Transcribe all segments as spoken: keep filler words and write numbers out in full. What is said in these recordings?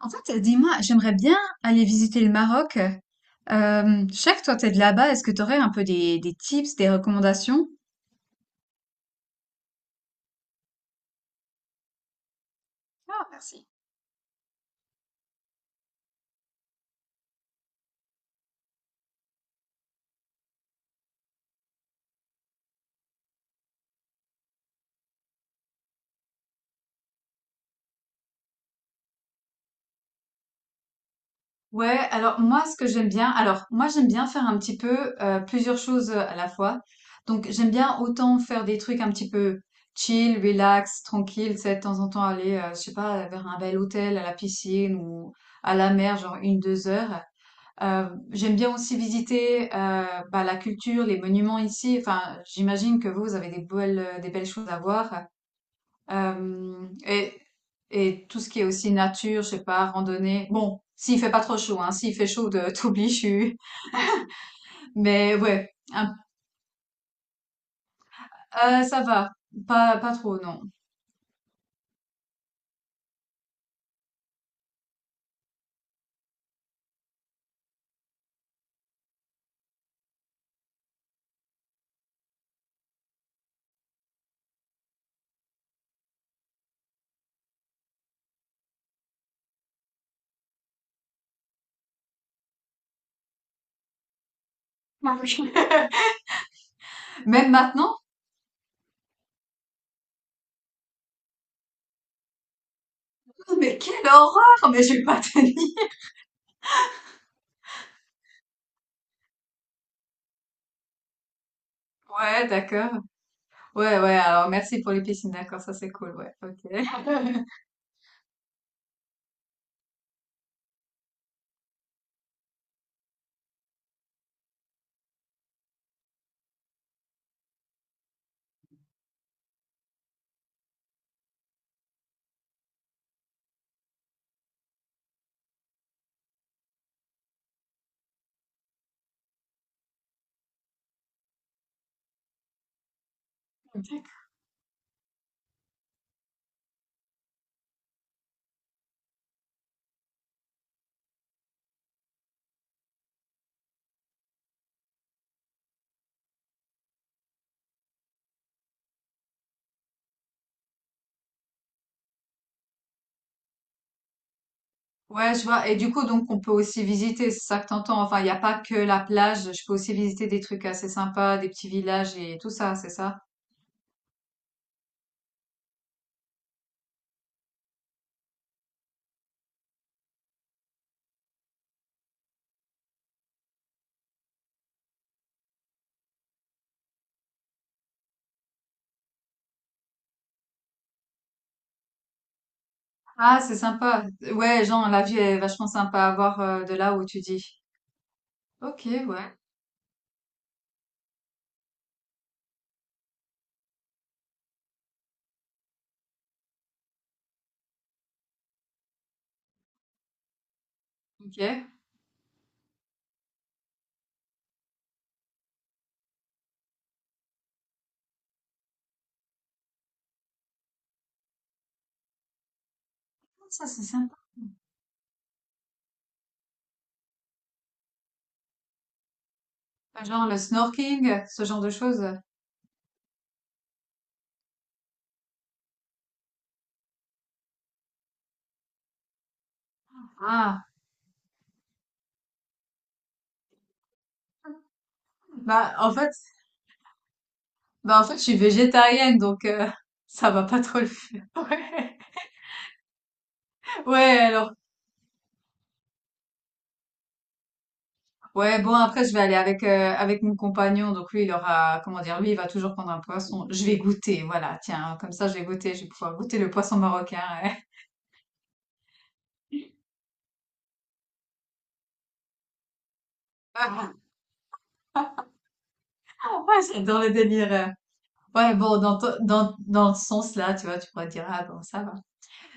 En fait, euh, dis-moi, j'aimerais bien aller visiter le Maroc. Euh, je sais que toi, t'es de là-bas. Est-ce que tu aurais un peu des, des tips, des recommandations? Ah, merci. Ouais, alors moi, ce que j'aime bien, alors moi, j'aime bien faire un petit peu euh, plusieurs choses à la fois. Donc, j'aime bien autant faire des trucs un petit peu chill, relax, tranquille, tu sais, de temps en temps aller, euh, je sais pas, vers un bel hôtel, à la piscine ou à la mer, genre une, deux heures. Euh, j'aime bien aussi visiter euh, bah, la culture, les monuments ici. Enfin, j'imagine que vous, vous avez des belles, euh, des belles choses à voir. Euh, et, et tout ce qui est aussi nature, je sais pas, randonnée. Bon, s'il fait pas trop chaud, hein, s'il fait chaud, de- t'oublies, je suis. Mais ouais, un- euh, ça va. Pas, pas trop, non. Non, mais- Même maintenant? Mais quelle horreur! Mais je vais pas tenir. Ouais, d'accord. Ouais, ouais, alors merci pour les piscines, d'accord, ça c'est cool, ouais, ok. Ouais, je vois. Et du coup, donc, on peut aussi visiter, c'est ça que t'entends. Enfin, il n'y a pas que la plage. Je peux aussi visiter des trucs assez sympas, des petits villages et tout ça, c'est ça? Ah, c'est sympa. Ouais, genre, la vue est vachement sympa à voir euh, de là où tu dis. Ok, ouais. Ok. Ça, c'est sympa. Genre le snorking, ce genre de choses. Ah, bah en fait, bah en fait, je suis végétarienne, donc euh, ça va pas trop le faire. Ouais. Ouais, alors. Ouais, bon après je vais aller avec euh, avec mon compagnon, donc lui il aura comment dire, lui il va toujours prendre un poisson. Je vais goûter, voilà, tiens, comme ça je vais goûter, je vais pouvoir goûter le poisson marocain. Ouais, ouais j'adore le délire. euh. Ouais, bon dans to- dans dans le sens là, tu vois, tu pourrais dire ah bon ça va.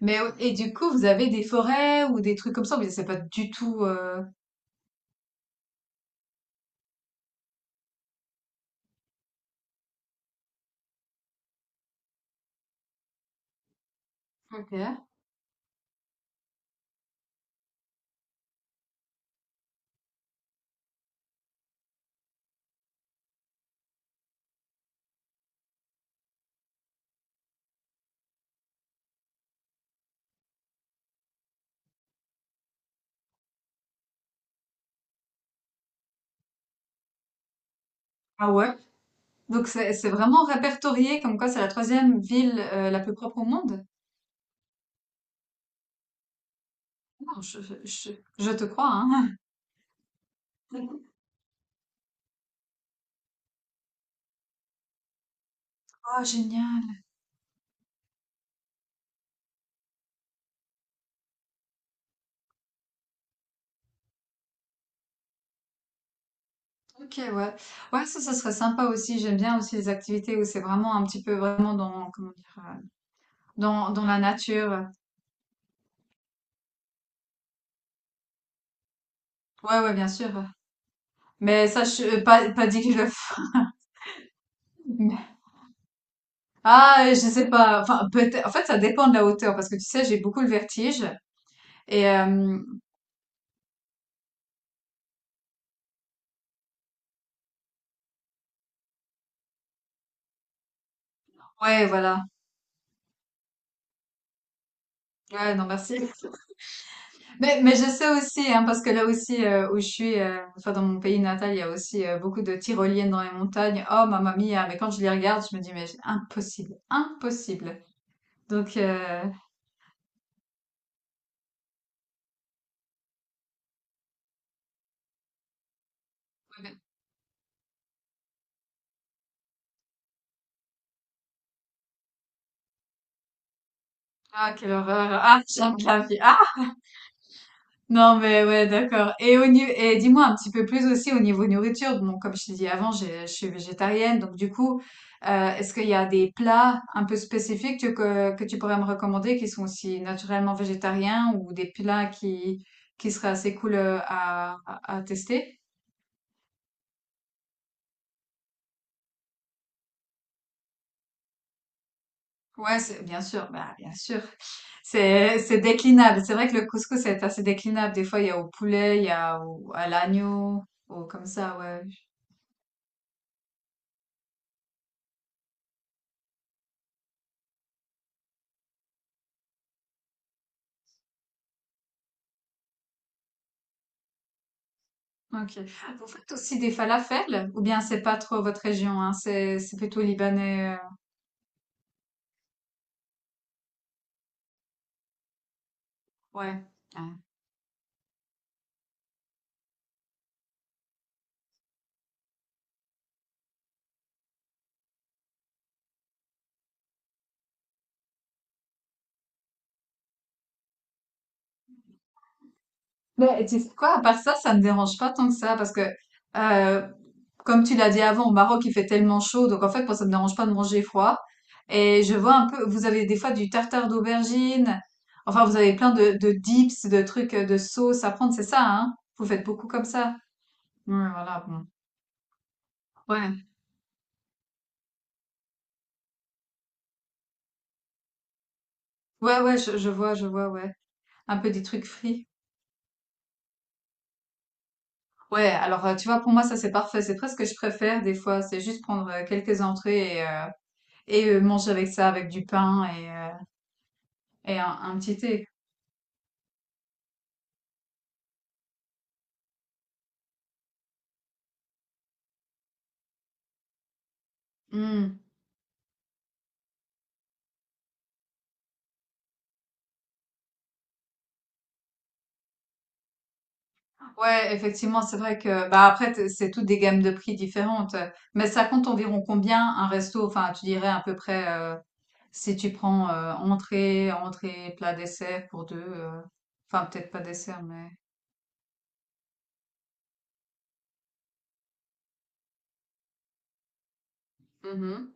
Mais euh, et du coup vous avez des forêts ou des trucs comme ça, mais c'est pas du tout. euh, Ok. Ah ouais? Donc c'est c'est vraiment répertorié comme quoi c'est la troisième ville euh, la plus propre au monde? Non, je, je, je- je te crois, hein. Oh, génial. Ok, ouais. Ouais, ça, ça serait sympa aussi. J'aime bien aussi les activités où c'est vraiment un petit peu vraiment dans, comment dire, euh, dans, dans la nature. Ouais, ouais, bien sûr. Mais ça, je, euh, pas, pas dit que je le ferais. Mais- Ah, je sais pas. Enfin, peut-être. En fait, ça dépend de la hauteur parce que tu sais, j'ai beaucoup le vertige. Et euh, ouais, voilà. Ouais, non, merci. Mais, mais je sais aussi, hein, parce que là aussi euh, où je suis, euh, enfin dans mon pays natal, il y a aussi euh, beaucoup de tyroliennes dans les montagnes. Oh mamma mia, mais quand je les regarde, je me dis mais impossible, impossible. Donc euh, ah quelle horreur, ah j'aime la vie, ah, non, mais ouais, d'accord. Et, au niveau, et dis-moi un petit peu plus aussi au niveau nourriture. Bon, comme je t'ai dit avant, j'ai- je suis végétarienne, donc du coup, euh, est-ce qu'il y a des plats un peu spécifiques que, que, que tu pourrais me recommander qui sont aussi naturellement végétariens ou des plats qui, qui seraient assez cool euh, à, à, à tester? Ouais, c'est- bien sûr, bah, bien sûr. C'est, c'est déclinable. C'est vrai que le couscous est assez déclinable. Des fois, il y a au poulet, il y a au, à l'agneau, au, comme ça, ouais. OK. Vous faites aussi des falafels? Ou bien c'est pas trop votre région, hein? C'est c'est plutôt libanais, euh, ouais. Ouais. Mais tu sais quoi, à part ça, ça me dérange pas tant que ça parce que, euh, comme tu l'as dit avant, au Maroc, il fait tellement chaud, donc en fait, moi, ça me dérange pas de manger froid. Et je vois un peu, vous avez des fois du tartare d'aubergine. Enfin, vous avez plein de, de dips, de trucs, euh, de sauces à prendre, c'est ça, hein? Vous faites beaucoup comme ça. Ouais, voilà, bon. Ouais. Ouais, ouais, je, je vois, je vois, ouais. Un peu des trucs frits. Ouais, alors euh, tu vois, pour moi, ça c'est parfait. C'est presque ce que je préfère des fois. C'est juste prendre euh, quelques entrées et, euh, et euh, manger avec ça, avec du pain et, euh, et un, un petit thé. Hmm. Ouais, effectivement, c'est vrai que bah après t- c'est toutes des gammes de prix différentes. Mais ça compte environ combien un resto? Enfin, tu dirais à peu près euh, si tu prends euh, entrée, entrée, plat, dessert pour deux. euh, Enfin, peut-être pas dessert, mais Mhm.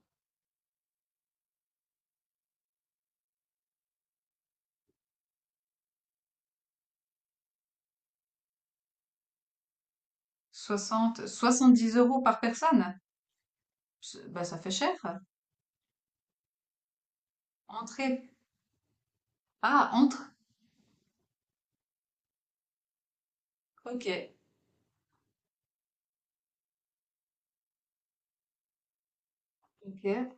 soixante-dix euros par personne. C'est- Bah ça fait cher. Entrée. Ah, entrée. Ok, ok.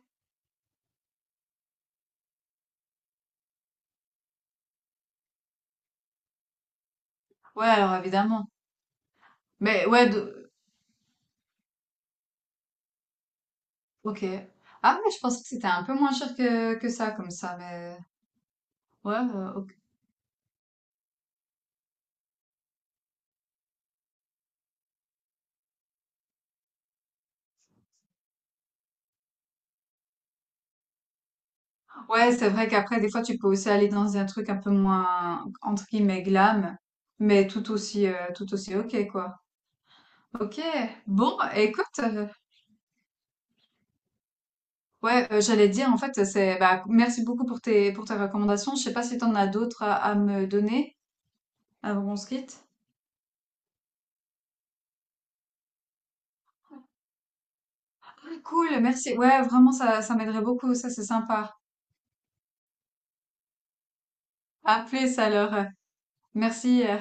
Ouais, alors évidemment. Mais ouais, de- ok. Ah mais je pensais que c'était un peu moins cher que, que ça, comme ça, mais ouais, euh, ok. Ouais, c'est vrai qu'après, des fois, tu peux aussi aller dans un truc un peu moins, entre guillemets, glam, mais tout aussi, euh, tout aussi ok, quoi. Ok, bon, écoute, euh, ouais, euh, j'allais dire, en fait, c'est, bah, merci beaucoup pour tes, pour tes recommandations. Je sais pas si t'en as d'autres à, à me donner avant qu'on se quitte. Ah, cool, merci. Ouais, vraiment, ça, ça m'aiderait beaucoup, ça, c'est sympa. À plus alors. Merci. euh,